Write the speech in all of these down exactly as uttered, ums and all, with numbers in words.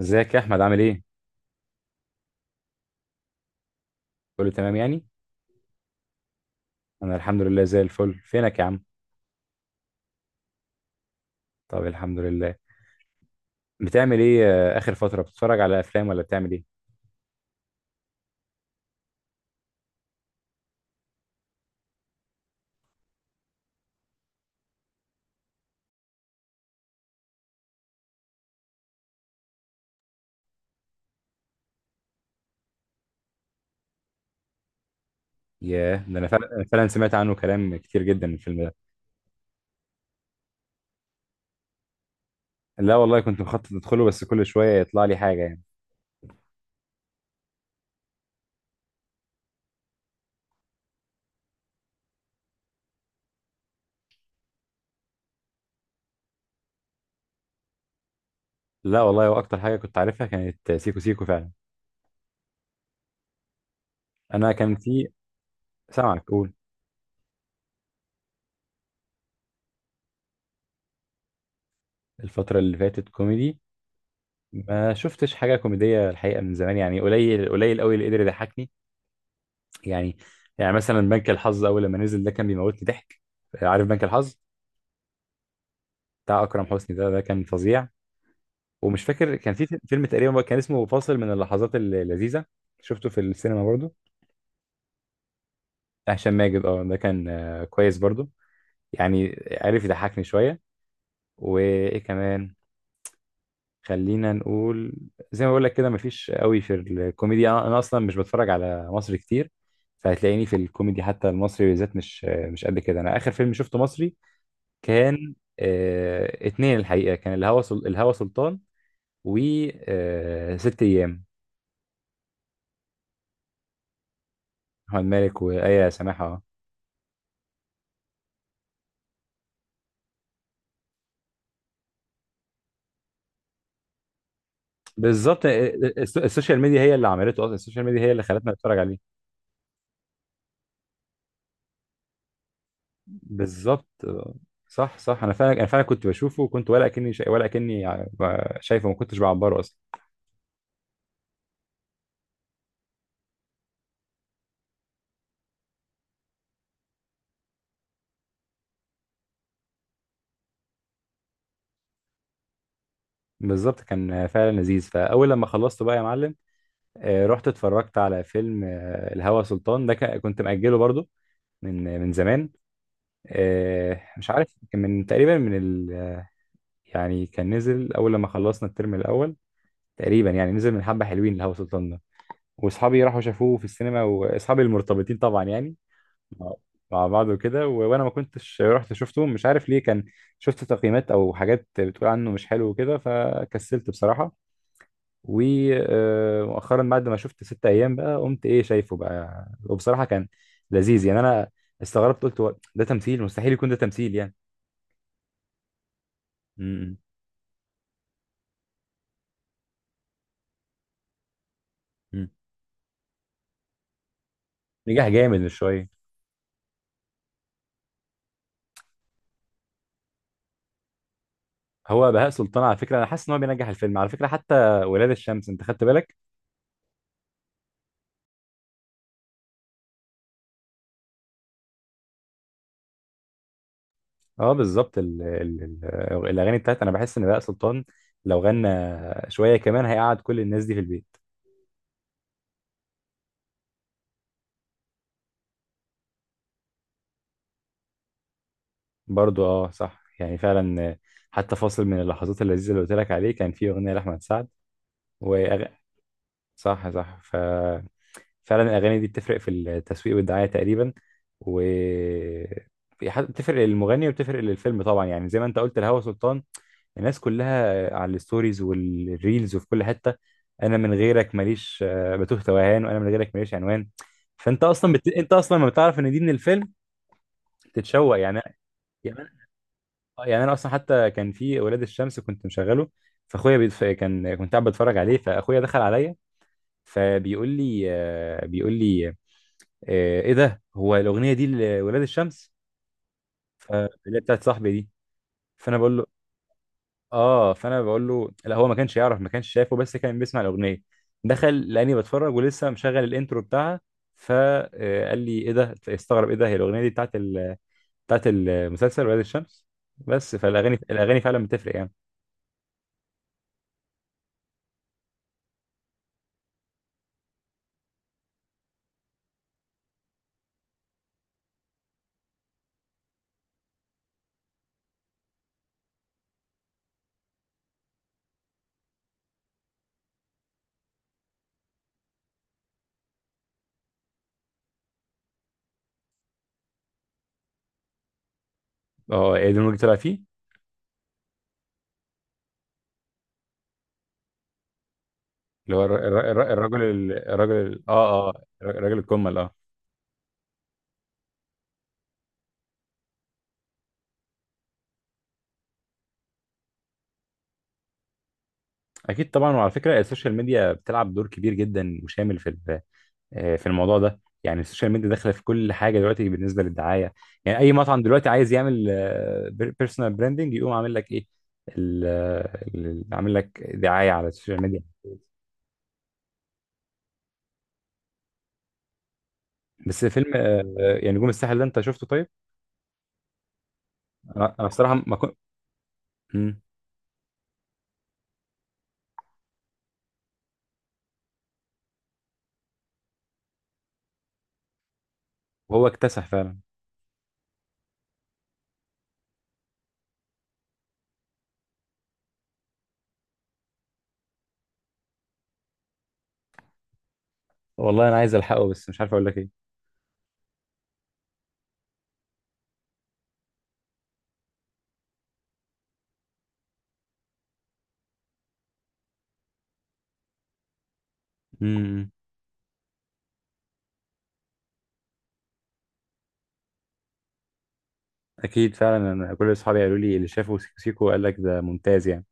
ازيك يا احمد، عامل ايه؟ كله تمام يعني. انا الحمد لله زي الفل، فينك يا عم؟ طب الحمد لله. بتعمل ايه؟ آه، اخر فتره بتتفرج على افلام ولا بتعمل ايه؟ ياه، ده انا فعلا أنا فعلا سمعت عنه كلام كتير جدا الفيلم ده. لا والله كنت مخطط ادخله، بس كل شويه يطلع لي حاجه يعني. لا والله، واكتر حاجه كنت عارفها كانت سيكو سيكو فعلا. انا كان في. سامعك، قول. الفتره اللي فاتت كوميدي؟ ما شفتش حاجه كوميديه الحقيقه من زمان، يعني قليل قليل قوي اللي قدر يضحكني يعني. يعني مثلا بنك الحظ اول لما نزل ده كان بيموتني ضحك. عارف بنك الحظ؟ بتاع اكرم حسني ده ده كان فظيع. ومش فاكر، كان في فيلم تقريبا كان اسمه فاصل من اللحظات اللذيذه، شفته في السينما برضو. بتاع هشام ماجد اه، ده كان آه، كويس برضو يعني. عارف يضحكني شويه. وايه كمان؟ خلينا نقول زي ما بقول لك كده، مفيش قوي في الكوميديا. انا أنا اصلا مش بتفرج على مصر كتير، فهتلاقيني في الكوميدي حتى المصري بالذات مش آه، مش قد كده. انا اخر فيلم شفته مصري كان آه اتنين الحقيقة، كان الهوى سل... الهوى سلطان، و آه ست أيام. أحمد مالك وآية سماحة. بالظبط، آه، آه، الس- السوشيال ميديا هي اللي عملته أصلا، السوشيال ميديا هي اللي خلتنا نتفرج عليه. بالظبط آه، صح، صح، أنا فعلا أنا فعلا كنت بشوفه وكنت ولا كأني شا... ولا كأني ع- شايفه، ما كنتش بعبره أصلا. بالظبط، كان فعلا لذيذ. فأول لما خلصته بقى يا معلم، آه، رحت اتفرجت على فيلم آه، الهوى سلطان ده. ك- كنت مأجله برضه من من زمان. آه، مش عارف، كان من تقريبا من ال آه، يعني كان نزل اول لما خلصنا الترم الاول تقريبا. يعني نزل من حبه حلوين لهوا سلطان ده. واصحابي راحوا شافوه في السينما، واصحابي المرتبطين طبعا يعني، مع مع بعض وكده، و- وانا ما كنتش رحت شفته، مش عارف ليه. كان شفت تقييمات او حاجات بتقول عنه مش حلو وكده، فكسلت بصراحه. ومؤخرا بعد ما شفت ست ايام، بقى قمت ايه شايفه بقى، وبصراحه كان لذيذ يعني. انا استغربت، قلت هو ده تمثيل؟ مستحيل يكون ده تمثيل يعني. مم. نجح جامد، مش شويه. هو بهاء سلطان على فكره، انا حاسس ان هو بينجح الفيلم على فكره. حتى ولاد الشمس، انت خدت بالك؟ اه بالظبط، ال... ال... ال... الاغاني بتاعت، انا بحس ان بهاء سلطان لو غنى شويه كمان هيقعد كل الناس دي في البيت. برضو اه صح، يعني فعلا، آه، حتى فاصل من اللحظات اللذيذه اللي قلت لك عليه كان فيه اغنيه لاحمد سعد. وأغ... صح، صح، ف فعلا الاغاني دي بتفرق في التسويق والدعايه تقريبا، و بتفرق للمغني وبتفرق للفيلم طبعا يعني. زي ما انت قلت لهوى سلطان، الناس كلها على الستوريز والريلز وفي كل حتة. انا من غيرك ماليش آه، بتوه توهان، وانا من غيرك ماليش عنوان. فانت اصلا بت... انت اصلا لما بتعرف ان دي من الفيلم تتشوق يعني. يعني أنا- آه، يعني انا اصلا حتى كان في اولاد الشمس كنت مشغله. فاخويا بيتف... كان كنت قاعد بتفرج عليه، فاخويا دخل عليا، فبيقول لي آه، بيقول لي آه، ايه ده، هو الاغنيه دي لولاد الشمس؟ ف- اللي هي بتاعت صاحبي دي. فانا بقول له، اه فانا بقول له لا، هو ما كانش يعرف، ما كانش شايفه، بس كان بيسمع الاغنيه. دخل لاني بتفرج ولسه مشغل الانترو بتاعها، فقال لي ايه ده؟ استغرب ايه ده، هي الاغنيه دي بتاعت ال... بتاعت المسلسل ولاد الشمس. بس فالاغاني الاغاني فعلا بتفرق يعني. اه ايه ده اللي طلع فيه؟ اللي هو الر- الر- الر- الراجل ال- الراجل ال- اه اه الراجل الكمل اه. اكيد طبعا، وعلى فكره السوشيال ميديا بتلعب دور كبير جدا وشامل في ال... آه، في الموضوع ده. يعني السوشيال ميديا داخله في كل حاجه دلوقتي بالنسبه للدعايه. يعني اي مطعم دلوقتي عايز يعمل بيرسونال براندنج يقوم عامل لك ايه؟ ال- ال- عامل لك دعايه على السوشيال ميديا. بس فيلم آه، آه، يعني نجوم الساحل ده انت شفته طيب؟ انا أنا بصراحه ما كنت. وهو اكتسح فعلا. والله انا عايز الحقه، بس مش عارف اقول لك ايه. مم. اكيد فعلا، انا كل اصحابي قالوا لي اللي شافوا سيكو سيكو قال لك ده ممتاز يعني.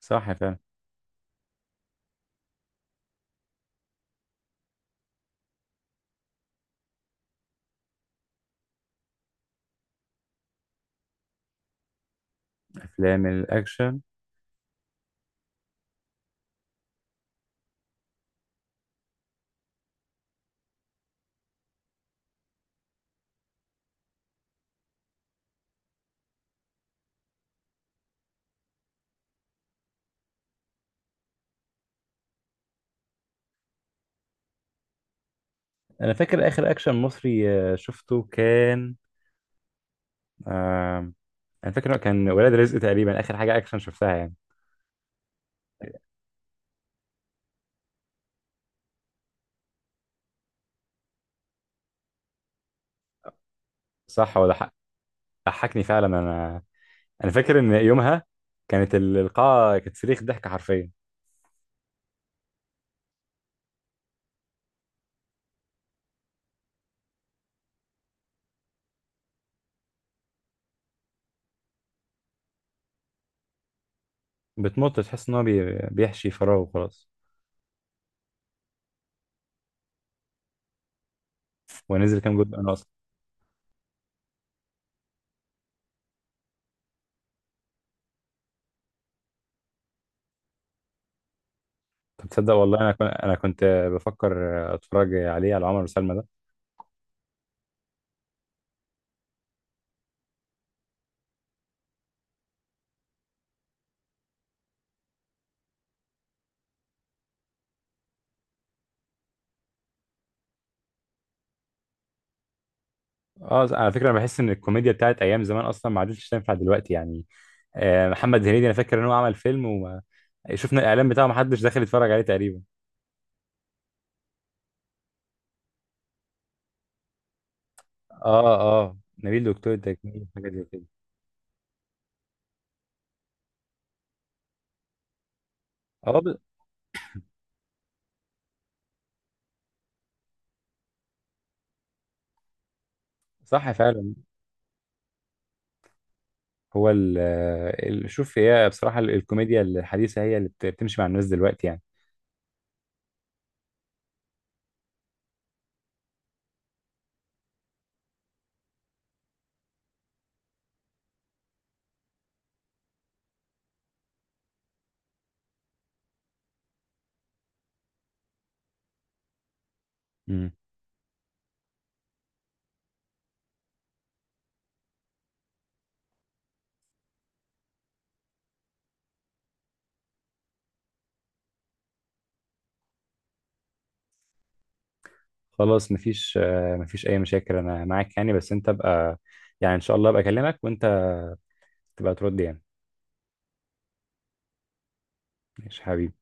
صح فعلا. افلام الاكشن، انا فاكر اخر اكشن مصري آه، شفته كان آه انا فاكر كان ولاد رزق تقريبا اخر حاجه اكشن شفتها يعني. صح، هو ضحك- ضحكني فعلا انا انا فاكر ان يومها كانت ال- القاعه كانت صريخ ضحك حرفيا. بتمط، تحس ان هو بي- بيحشي فراغ وخلاص. ونزل كام جزء انا اصلا؟ طب تصدق والله، انا كن- انا كنت بفكر اتفرج عليه، على عمر وسلمى ده. اه على فكره، انا بحس ان الكوميديا بتاعت ايام زمان اصلا ما عادتش تنفع دلوقتي يعني. آه محمد هنيدي انا فاكر ان هو عمل فيلم، وما شفنا الاعلان بتاعه، ما حدش دخل يتفرج عليه تقريبا. اه، اه، نبيل دكتور التجميل حاجه زي كده. اه ب- صح فعلا. هو ال ال- شوف، هي بصراحه ال- الكوميديا الحديثه هي اللي بت- بتمشي مع الناس دلوقتي يعني. مم. خلاص، مفيش آه، مفيش اي مشاكل، انا معاك يعني. بس انت بقى يعني ان شاء الله ابقى اكلمك وانت تبقى ترد يعني. ماشي حبيبي.